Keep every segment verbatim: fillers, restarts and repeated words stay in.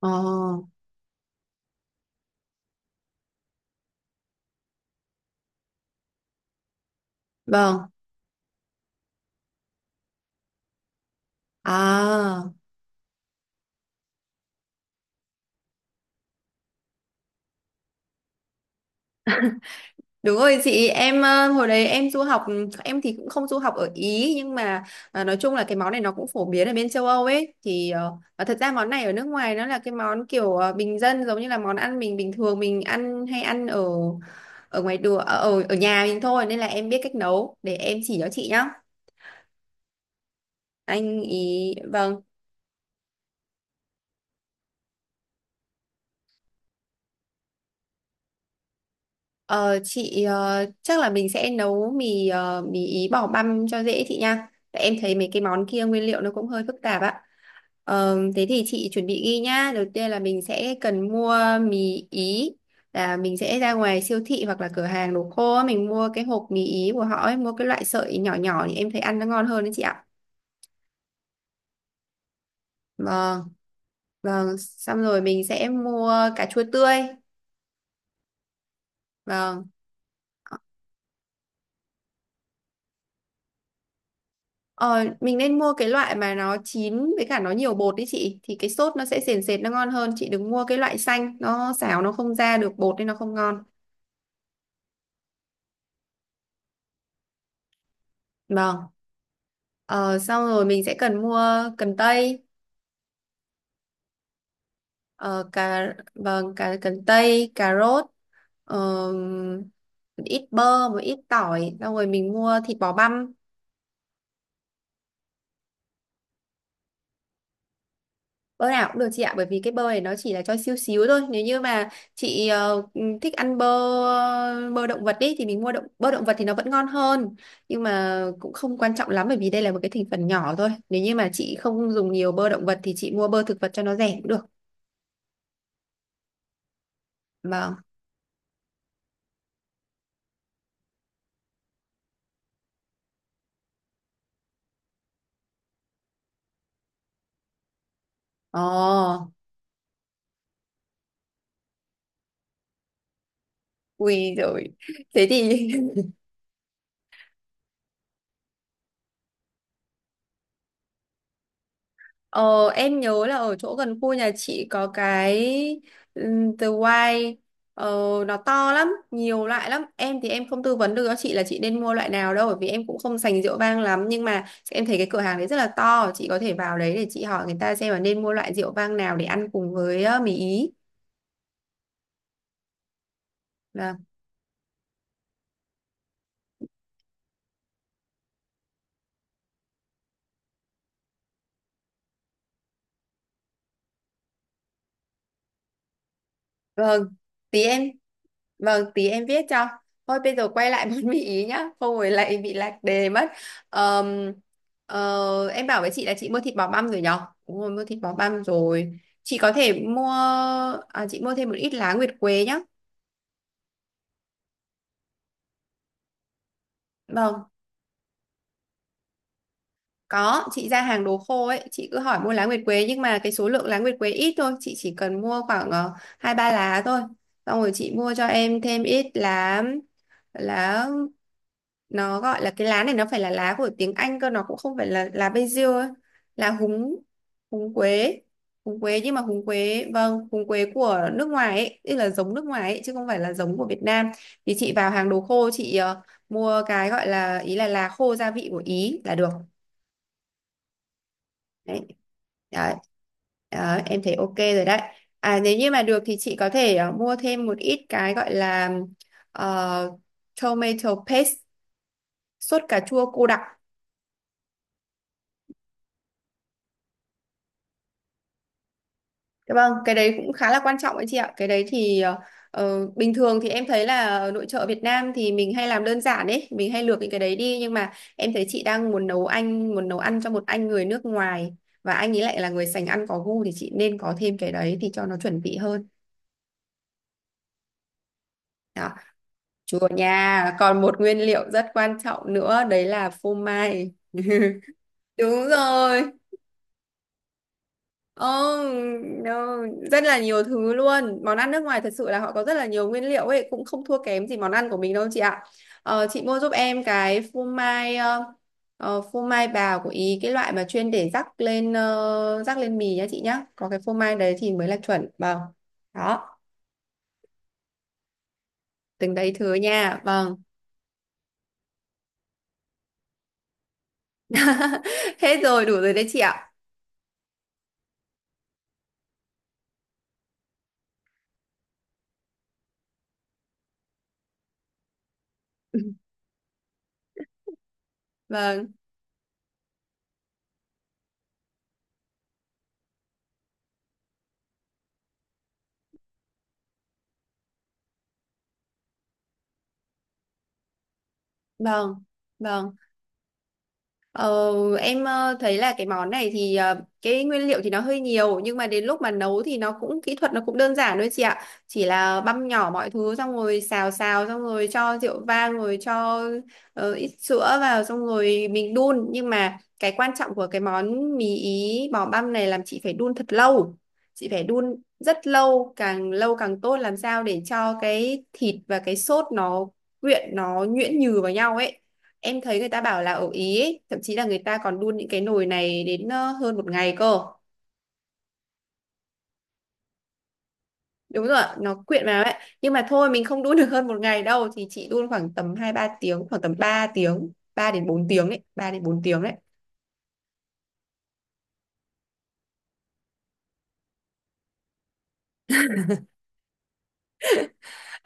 Ờ, vâng. À, đúng rồi chị, em ờ, hồi đấy em du học, em thì cũng không du học ở Ý nhưng mà à, nói chung là cái món này nó cũng phổ biến ở bên châu Âu ấy thì ờ, và thật ra món này ở nước ngoài nó là cái món kiểu ờ, bình dân giống như là món ăn mình bình thường mình ăn hay ăn ở ở ngoài đường ở ở ở nhà mình thôi nên là em biết cách nấu để em chỉ cho chị nhá. Anh ý vâng. Ờ, chị ờ, chắc là mình sẽ nấu mì ờ, mì ý bỏ băm cho dễ chị nha. Tại em thấy mấy cái món kia nguyên liệu nó cũng hơi phức tạp ạ. Ờ, thế thì chị chuẩn bị ghi nhá. Đầu tiên là mình sẽ cần mua mì ý là mình sẽ ra ngoài siêu thị hoặc là cửa hàng đồ khô á, mình mua cái hộp mì ý của họ ấy, mua cái loại sợi nhỏ nhỏ thì em thấy ăn nó ngon hơn đấy chị ạ. Vâng, vâng, xong rồi mình sẽ mua cà chua tươi. Vâng. Ờ, mình nên mua cái loại mà nó chín với cả nó nhiều bột đấy chị thì cái sốt nó sẽ sền sệt nó ngon hơn, chị đừng mua cái loại xanh nó xào nó không ra được bột nên nó không ngon. Vâng. ờ, Xong rồi mình sẽ cần mua cần tây, ờ, cà vâng cà cần tây, cà rốt, ờ, một ít bơ, một ít tỏi, xong rồi mình mua thịt bò băm. Bơ nào cũng được chị ạ, bởi vì cái bơ này nó chỉ là cho xíu xíu thôi. Nếu như mà chị ờ, thích ăn bơ bơ động vật đi thì mình mua động bơ động vật thì nó vẫn ngon hơn. Nhưng mà cũng không quan trọng lắm bởi vì đây là một cái thành phần nhỏ thôi. Nếu như mà chị không dùng nhiều bơ động vật thì chị mua bơ thực vật cho nó rẻ cũng được. Vâng. Ồ, ui rồi. Thế thì Ờ, em nhớ là ở chỗ gần khu nhà chị có cái ừm, The White, ờ, nó to lắm, nhiều loại lắm. Em thì em không tư vấn được cho chị là chị nên mua loại nào đâu bởi vì em cũng không sành rượu vang lắm nhưng mà em thấy cái cửa hàng đấy rất là to, chị có thể vào đấy để chị hỏi người ta xem là nên mua loại rượu vang nào để ăn cùng với ờ, mì Ý. Vâng. Vâng. Thì em vâng, tí em viết cho. Thôi bây giờ quay lại món mì ý nhá, không rồi lại bị lạc đề mất. Ờm, ờ, em bảo với chị là chị mua thịt bò băm rồi nhở? Đúng rồi, mua thịt bò băm rồi. Chị có thể mua, à, chị mua thêm một ít lá nguyệt quế nhá. Vâng, có, chị ra hàng đồ khô ấy, chị cứ hỏi mua lá nguyệt quế nhưng mà cái số lượng lá nguyệt quế ít thôi, chị chỉ cần mua khoảng ờ, hai ba lá thôi. Xong rồi chị mua cho em thêm ít lá, lá nó gọi là cái lá này nó phải là lá của tiếng Anh cơ, nó cũng không phải là lá basil ấy. Là húng, húng quế húng quế nhưng mà húng quế vâng húng quế của nước ngoài ấy, tức là giống nước ngoài ấy chứ không phải là giống của Việt Nam. Thì chị vào hàng đồ khô chị ờ, mua cái gọi là ý là lá khô gia vị của Ý là được. Đấy đấy. Đó, em thấy ok rồi đấy. À, nếu như mà được thì chị có thể ờ, mua thêm một ít cái gọi là ờ, tomato paste, sốt cà chua cô đặc. Dạ vâng, cái đấy cũng khá là quan trọng đấy chị ạ. Cái đấy thì ờ, ờ, bình thường thì em thấy là ở nội trợ Việt Nam thì mình hay làm đơn giản đấy, mình hay luộc những cái đấy đi nhưng mà em thấy chị đang muốn nấu anh muốn nấu ăn cho một anh người nước ngoài và anh ấy lại là người sành ăn có gu thì chị nên có thêm cái đấy thì cho nó chuẩn vị hơn. Đó, chùa nha. Còn một nguyên liệu rất quan trọng nữa đấy là phô mai. Đúng rồi. Ồ, no, rất là nhiều thứ luôn. Món ăn nước ngoài thật sự là họ có rất là nhiều nguyên liệu ấy, cũng không thua kém gì món ăn của mình đâu chị ạ. Ờ, chị mua giúp em cái phô mai, ờ, ờ, phô mai bào của Ý, cái loại mà chuyên để rắc lên ờ, rắc lên mì nhá chị nhá. Có cái phô mai đấy thì mới là chuẩn. Vâng. Đó, từng đấy thứ nha. Vâng. Hết rồi, đủ rồi đấy chị ạ. Vâng, vâng, vâng. Ờ, em ờ, thấy là cái món này thì ờ, cái nguyên liệu thì nó hơi nhiều nhưng mà đến lúc mà nấu thì nó cũng kỹ thuật nó cũng đơn giản thôi chị ạ. Chỉ là băm nhỏ mọi thứ xong rồi xào xào xong rồi cho rượu vang rồi cho ờ, ít sữa vào xong rồi mình đun nhưng mà cái quan trọng của cái món mì Ý bò băm này làm chị phải đun thật lâu. Chị phải đun rất lâu, càng lâu càng tốt, làm sao để cho cái thịt và cái sốt nó quyện nó nhuyễn nhừ vào nhau ấy. Em thấy người ta bảo là ở Ý ấy, thậm chí là người ta còn đun những cái nồi này đến ờ, hơn một ngày cơ. Đúng rồi ạ, nó quyện vào ấy, nhưng mà thôi mình không đun được hơn một ngày đâu thì chị đun khoảng tầm hai ba tiếng, khoảng tầm ba tiếng ba đến bốn tiếng đấy, ba đến bốn tiếng đấy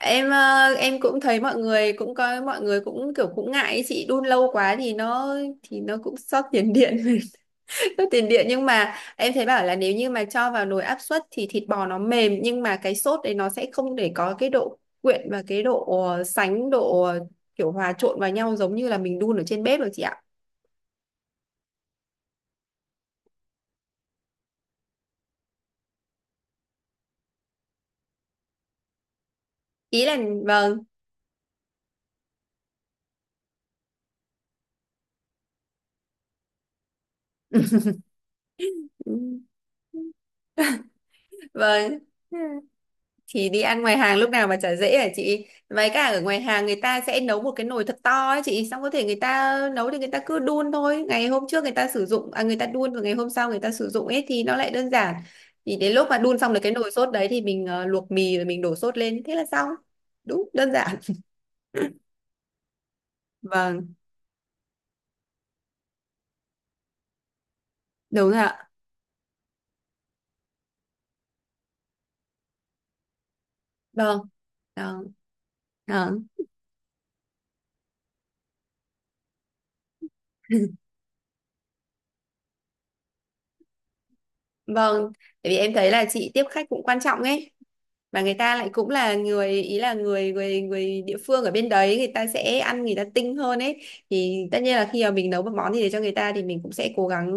em ờ, em cũng thấy mọi người cũng có mọi người cũng kiểu cũng ngại ấy, chị đun lâu quá thì nó thì nó cũng xót tiền điện sốt tiền điện nhưng mà em thấy bảo là nếu như mà cho vào nồi áp suất thì thịt bò nó mềm nhưng mà cái sốt đấy nó sẽ không để có cái độ quyện và cái độ ờ, sánh độ ờ, kiểu hòa trộn vào nhau giống như là mình đun ở trên bếp được chị ạ ý là vâng Ừ, vâng, thì đi ăn ngoài hàng lúc nào mà chả dễ hả chị, với cả ở ngoài hàng người ta sẽ nấu một cái nồi thật to ấy chị, xong có thể người ta nấu thì người ta cứ đun thôi, ngày hôm trước người ta sử dụng à, người ta đun và ngày hôm sau người ta sử dụng ấy thì nó lại đơn giản. Thì đến lúc mà đun xong được cái nồi sốt đấy thì mình ờ, luộc mì rồi mình đổ sốt lên thế là xong. Đúng, đơn giản. Vâng, đúng rồi ạ. Vâng vâng vâng Vâng, tại vì em thấy là chị tiếp khách cũng quan trọng ấy. Mà người ta lại cũng là người ý là người người người địa phương ở bên đấy, người ta sẽ ăn người ta tinh hơn ấy, thì tất nhiên là khi mà mình nấu một món gì để cho người ta thì mình cũng sẽ cố gắng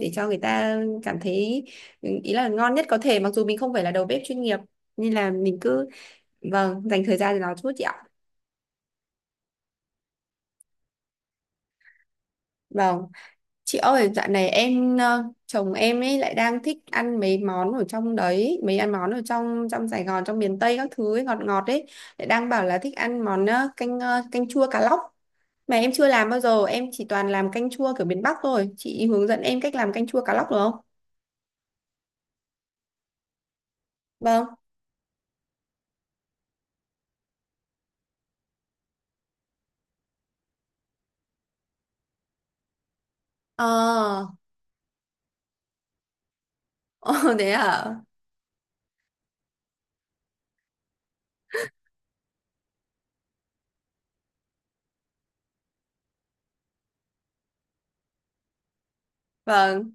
để cho người ta cảm thấy, ừ, ý là ngon nhất có thể, mặc dù mình không phải là đầu bếp chuyên nghiệp nên là mình cứ, vâng, dành thời gian cho nó chút chị ạ. Vâng. Chị ơi, dạo này em ờ, chồng em ấy lại đang thích ăn mấy món ở trong đấy, mấy ăn món ở trong trong Sài Gòn, trong miền Tây các thứ ấy, ngọt ngọt ấy, lại đang bảo là thích ăn món ờ, canh ờ, canh chua cá lóc. Mà em chưa làm bao giờ, em chỉ toàn làm canh chua kiểu miền Bắc thôi. Chị hướng dẫn em cách làm canh chua cá lóc được không? Vâng. Ờ, Ồ, thế à? Vâng,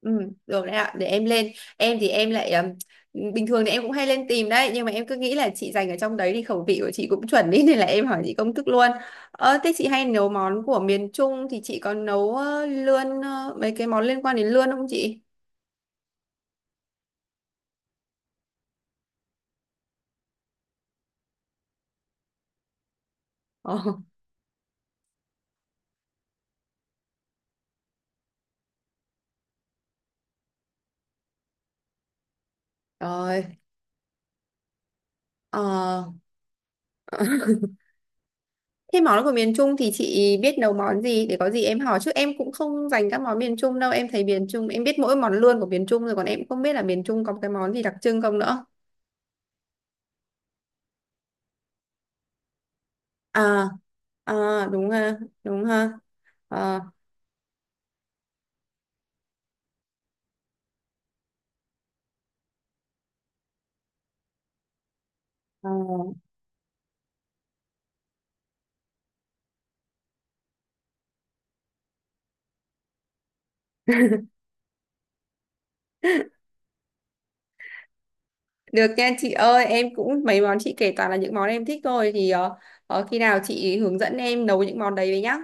ừ, được đấy ạ, để em lên. Em thì em lại ừm, bình thường thì em cũng hay lên tìm đấy, nhưng mà em cứ nghĩ là chị dành ở trong đấy thì khẩu vị của chị cũng chuẩn ý nên là em hỏi chị công thức luôn. Ờ, thế chị hay nấu món của miền Trung thì chị có nấu ờ, lươn ờ, mấy cái món liên quan đến lươn không chị? Ờ, rồi. Ờ. Thế món của miền Trung thì chị biết nấu món gì để có gì em hỏi, chứ em cũng không dành các món miền Trung đâu, em thấy miền Trung em biết mỗi món lươn của miền Trung rồi còn em cũng không biết là miền Trung có cái món gì đặc trưng không nữa. à, À, đúng ha đúng ha. Ờ, ờ. Được nha chị ơi, em cũng mấy món chị kể toàn là những món em thích thôi thì ờ, ờ, khi nào chị hướng dẫn em nấu những món đấy với nhá.